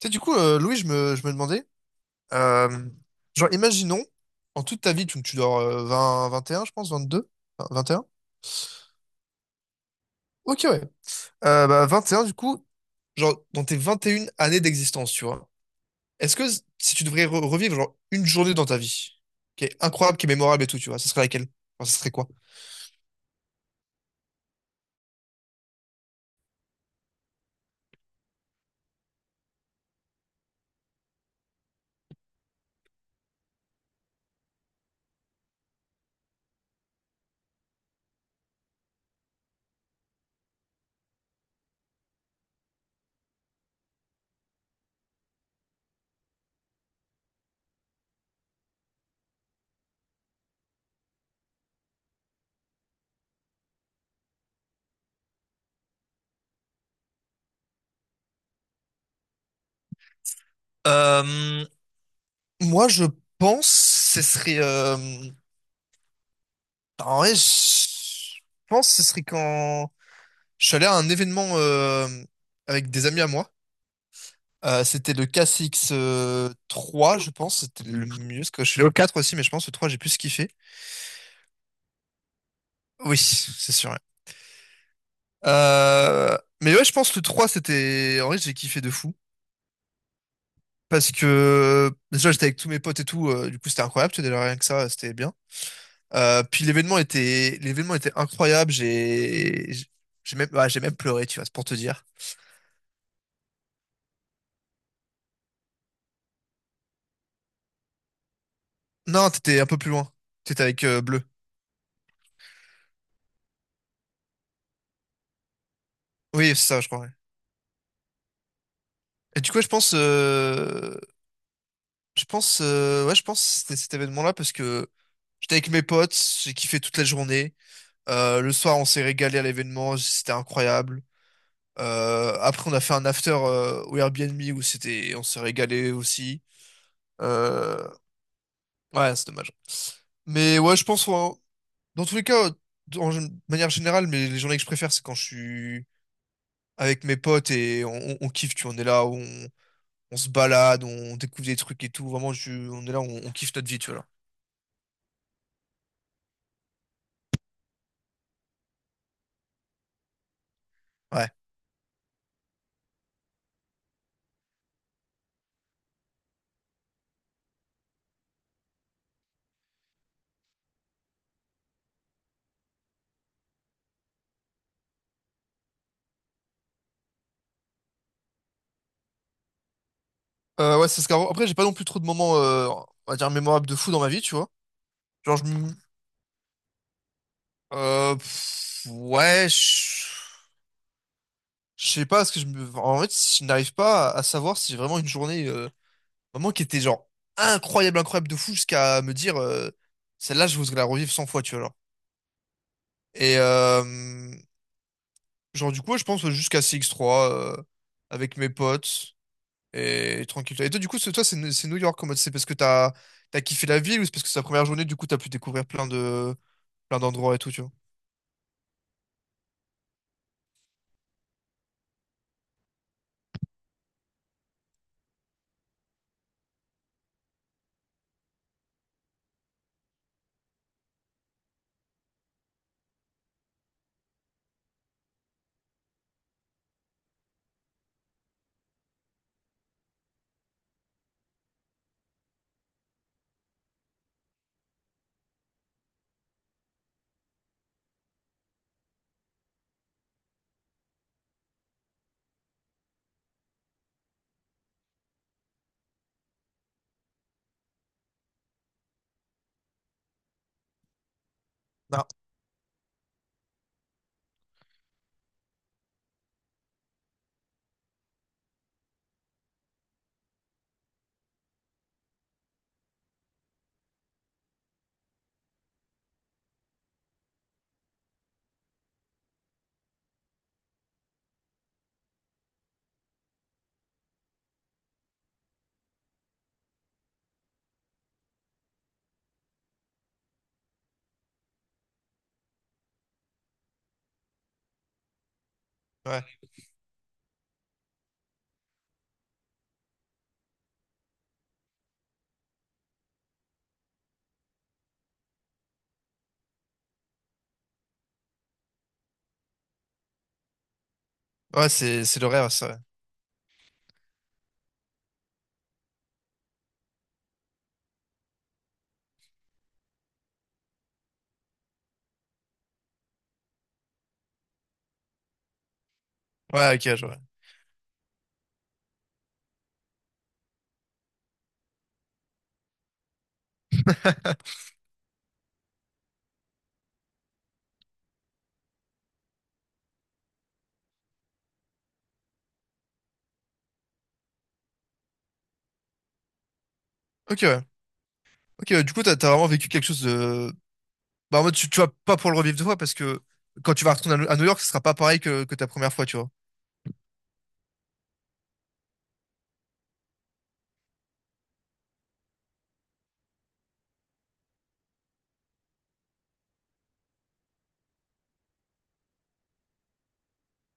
Tu sais, du coup, Louis, je me demandais, euh, genre, imaginons, en toute ta vie, tu dors vingt et un, je pense, vingt-deux, vingt deux, vingt et un. Ok, ouais. Vingt et un, du coup, genre, dans tes 21 années d'existence, tu vois, est-ce que si tu devrais revivre, genre, une journée dans ta vie qui est incroyable, qui est mémorable et tout, tu vois, ce serait laquelle? Enfin, ce serait quoi? Euh, Moi, je pense ce serait. En vrai, je pense ce serait quand je suis allé à un événement avec des amis à moi. C'était le KCX3, je pense. C'était le mieux. Parce que je suis allé au 4 aussi, mais je pense que le 3, j'ai plus kiffé. Oui, c'est sûr. Ouais. Mais ouais, je pense que le 3, c'était. En vrai, j'ai kiffé de fou. Parce que déjà, j'étais avec tous mes potes et tout. Du coup, c'était incroyable. Tu sais, déjà, rien que ça, c'était bien. Puis l'événement était incroyable. Ouais, j'ai même pleuré, tu vois, c'est pour te dire. Non, t'étais un peu plus loin. T'étais avec Bleu. Oui, c'est ça, je crois. Ouais. Et du coup, ouais, je pense que c'était cet événement-là parce que j'étais avec mes potes, j'ai kiffé toute la journée. Le soir, on s'est régalé à l'événement, c'était incroyable. Après, on a fait un after au Airbnb où c'était, on s'est régalé aussi. Euh, Ouais, c'est dommage. Mais ouais, je pense, hein, dans tous les cas, de manière générale, mais les journées que je préfère, c'est quand je suis avec mes potes et on kiffe, tu vois, on est là, on se balade, on découvre des trucs et tout. Vraiment, on est là, on kiffe notre vie, tu vois, là. Ouais. Ouais, c'est après, j'ai pas non plus trop de moments, on va dire, mémorables de fou dans ma vie, tu vois. Genre, ouais, je sais pas, parce que en fait, je n'arrive pas à savoir si j'ai vraiment une journée, vraiment qui était genre incroyable, incroyable de fou jusqu'à me dire, celle-là, je voudrais la revivre 100 fois, tu vois. Genre. Et euh, genre, du coup, ouais, je pense jusqu'à CX3, avec mes potes et tranquille. Et toi, du coup, toi, c'est New York, en mode, c'est parce que t'as kiffé la ville ou c'est parce que c'est la première journée, du coup, t'as pu découvrir plein d'endroits et tout, tu vois. Non. Ouais, ouais, c'est le rêve, ça. Ouais, ouais, ok, je vois. Ok, ouais. Ok, ouais, du coup, t'as vraiment vécu quelque chose de. Bah, en mode, tu vas pas pour le revivre deux fois parce que quand tu vas retourner à New York, ce sera pas pareil que ta première fois, tu vois.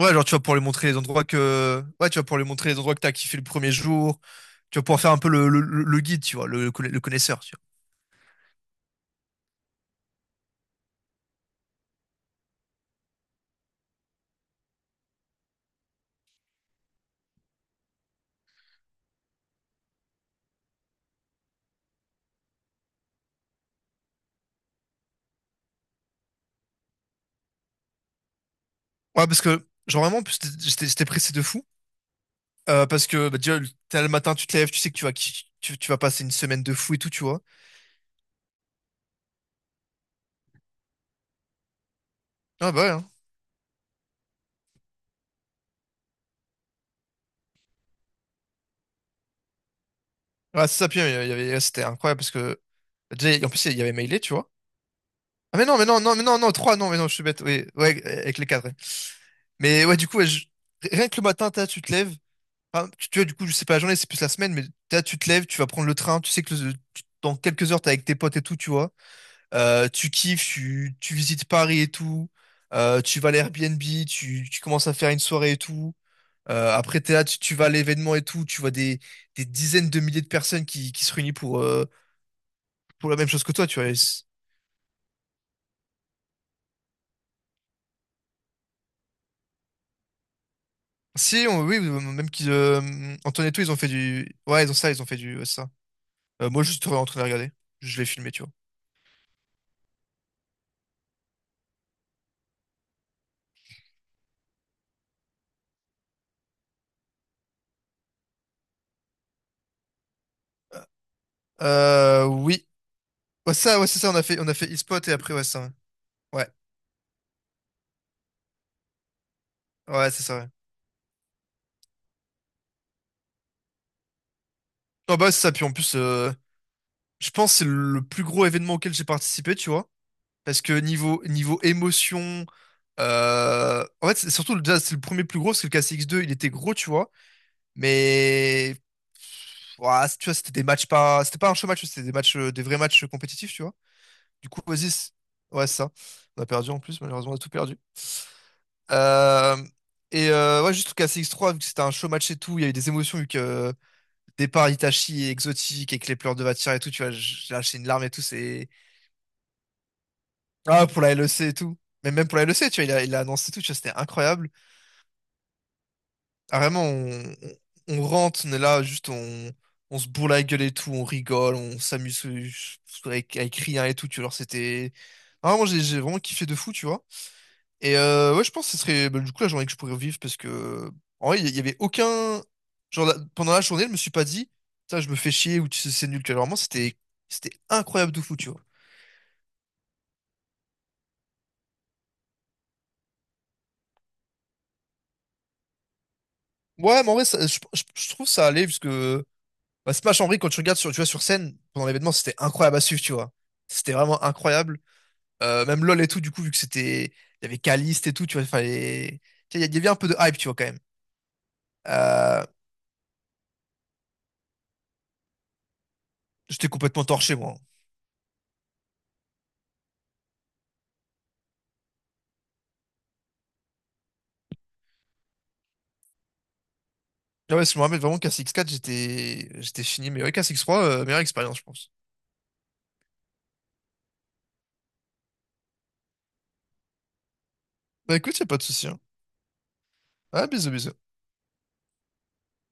Ouais, genre, tu vas pouvoir lui montrer les endroits que, ouais, tu vas pouvoir lui montrer les endroits que t'as kiffé le premier jour. Tu vas pouvoir faire un peu le guide, tu vois, le connaisseur, tu vois. Ouais, parce que, genre vraiment, en plus, j'étais pressé de fou. Parce que, bah, déjà, le t'as le matin, tu te lèves, tu sais que tu vas passer une semaine de fou et tout, tu vois. Ah, bah ouais, hein. Ouais, c'est ça, puis, ouais, c'était incroyable parce que, bah, déjà, en plus, il y avait Mailé, tu vois. Ah, mais non, non, trois, non, mais non, je suis bête. Oui, ouais, avec les quatre, ouais. Mais ouais, du coup, ouais, rien que le matin, tu te lèves. Enfin, tu vois, du coup, je sais pas, la journée, c'est plus la semaine, mais tu te lèves, tu vas prendre le train, tu sais que dans quelques heures, t'es avec tes potes et tout, tu vois. Tu kiffes, tu visites Paris et tout. Tu vas à l'Airbnb, tu commences à faire une soirée et tout. Après, t'es là, tu vas à l'événement et tout, tu vois des dizaines de milliers de personnes qui se réunissent pour la même chose que toi, tu vois. Si, oui, même qu'ils, Antoine et tout, ils ont fait du. Ouais, ils ont ça, ils ont fait du, ouais, ça. Moi, je suis en train de regarder. Je l'ai filmé, tu vois. Oui. Ouais, ça, ouais, c'est ça, on a fait e-spot et après, ouais, ça. Ouais, ouais, ouais, c'est ça, ouais. Non, bah, ouais, c'est ça, puis en plus, je pense que c'est le plus gros événement auquel j'ai participé, tu vois. Parce que niveau émotion, en fait, c'est surtout déjà, c'est le premier plus gros, parce que le KCX2, il était gros, tu vois. Mais, ouah, tu vois, c'était pas un show match, des vrais matchs compétitifs, tu vois. Du coup, vas-y, ouais, c'est ça. On a perdu en plus, malheureusement, on a tout perdu. Euh, ouais, juste le KCX3, vu que c'était un show match et tout, il y a eu des émotions, vu que départ Itachi et exotique, avec les pleurs de Vatira et tout, tu vois, j'ai lâché une larme et tout, c'est. Ah, pour la LEC et tout. Mais même pour la LEC, tu vois, il a annoncé tout, tu vois, c'était incroyable. Ah, vraiment, on rentre, on est là, juste on se bourre la gueule et tout, on rigole, on s'amuse avec rien et tout, tu vois, alors c'était. Ah, moi, j'ai vraiment kiffé de fou, tu vois. Ouais, je pense que ce serait, bah, du coup la journée que je pourrais revivre parce que, en vrai, il y avait aucun. Genre, pendant la journée, je me suis pas dit, ça, je me fais chier ou tu sais, c'est nul, tu vois. Alors, vraiment, c'était incroyable de fou, tu vois. Ouais, mais en vrai, je trouve ça allait, puisque. Bah, Smash en vrai, quand tu regardes sur, tu vois, sur scène, pendant l'événement, c'était incroyable à suivre, tu vois. C'était vraiment incroyable. Même LoL et tout, du coup, vu que c'était. Il y avait Caliste et tout, tu vois, il fallait. Tu sais, il y avait un peu de hype, tu vois, quand même. Euh, J'étais complètement torché, moi. Ah, ouais, je me rappelle vraiment qu'à six quatre, j'étais fini. Mais ouais, qu'à 3 meilleure expérience, je pense. Bah écoute, y a pas de souci, hein. Ah, bisous, bisous.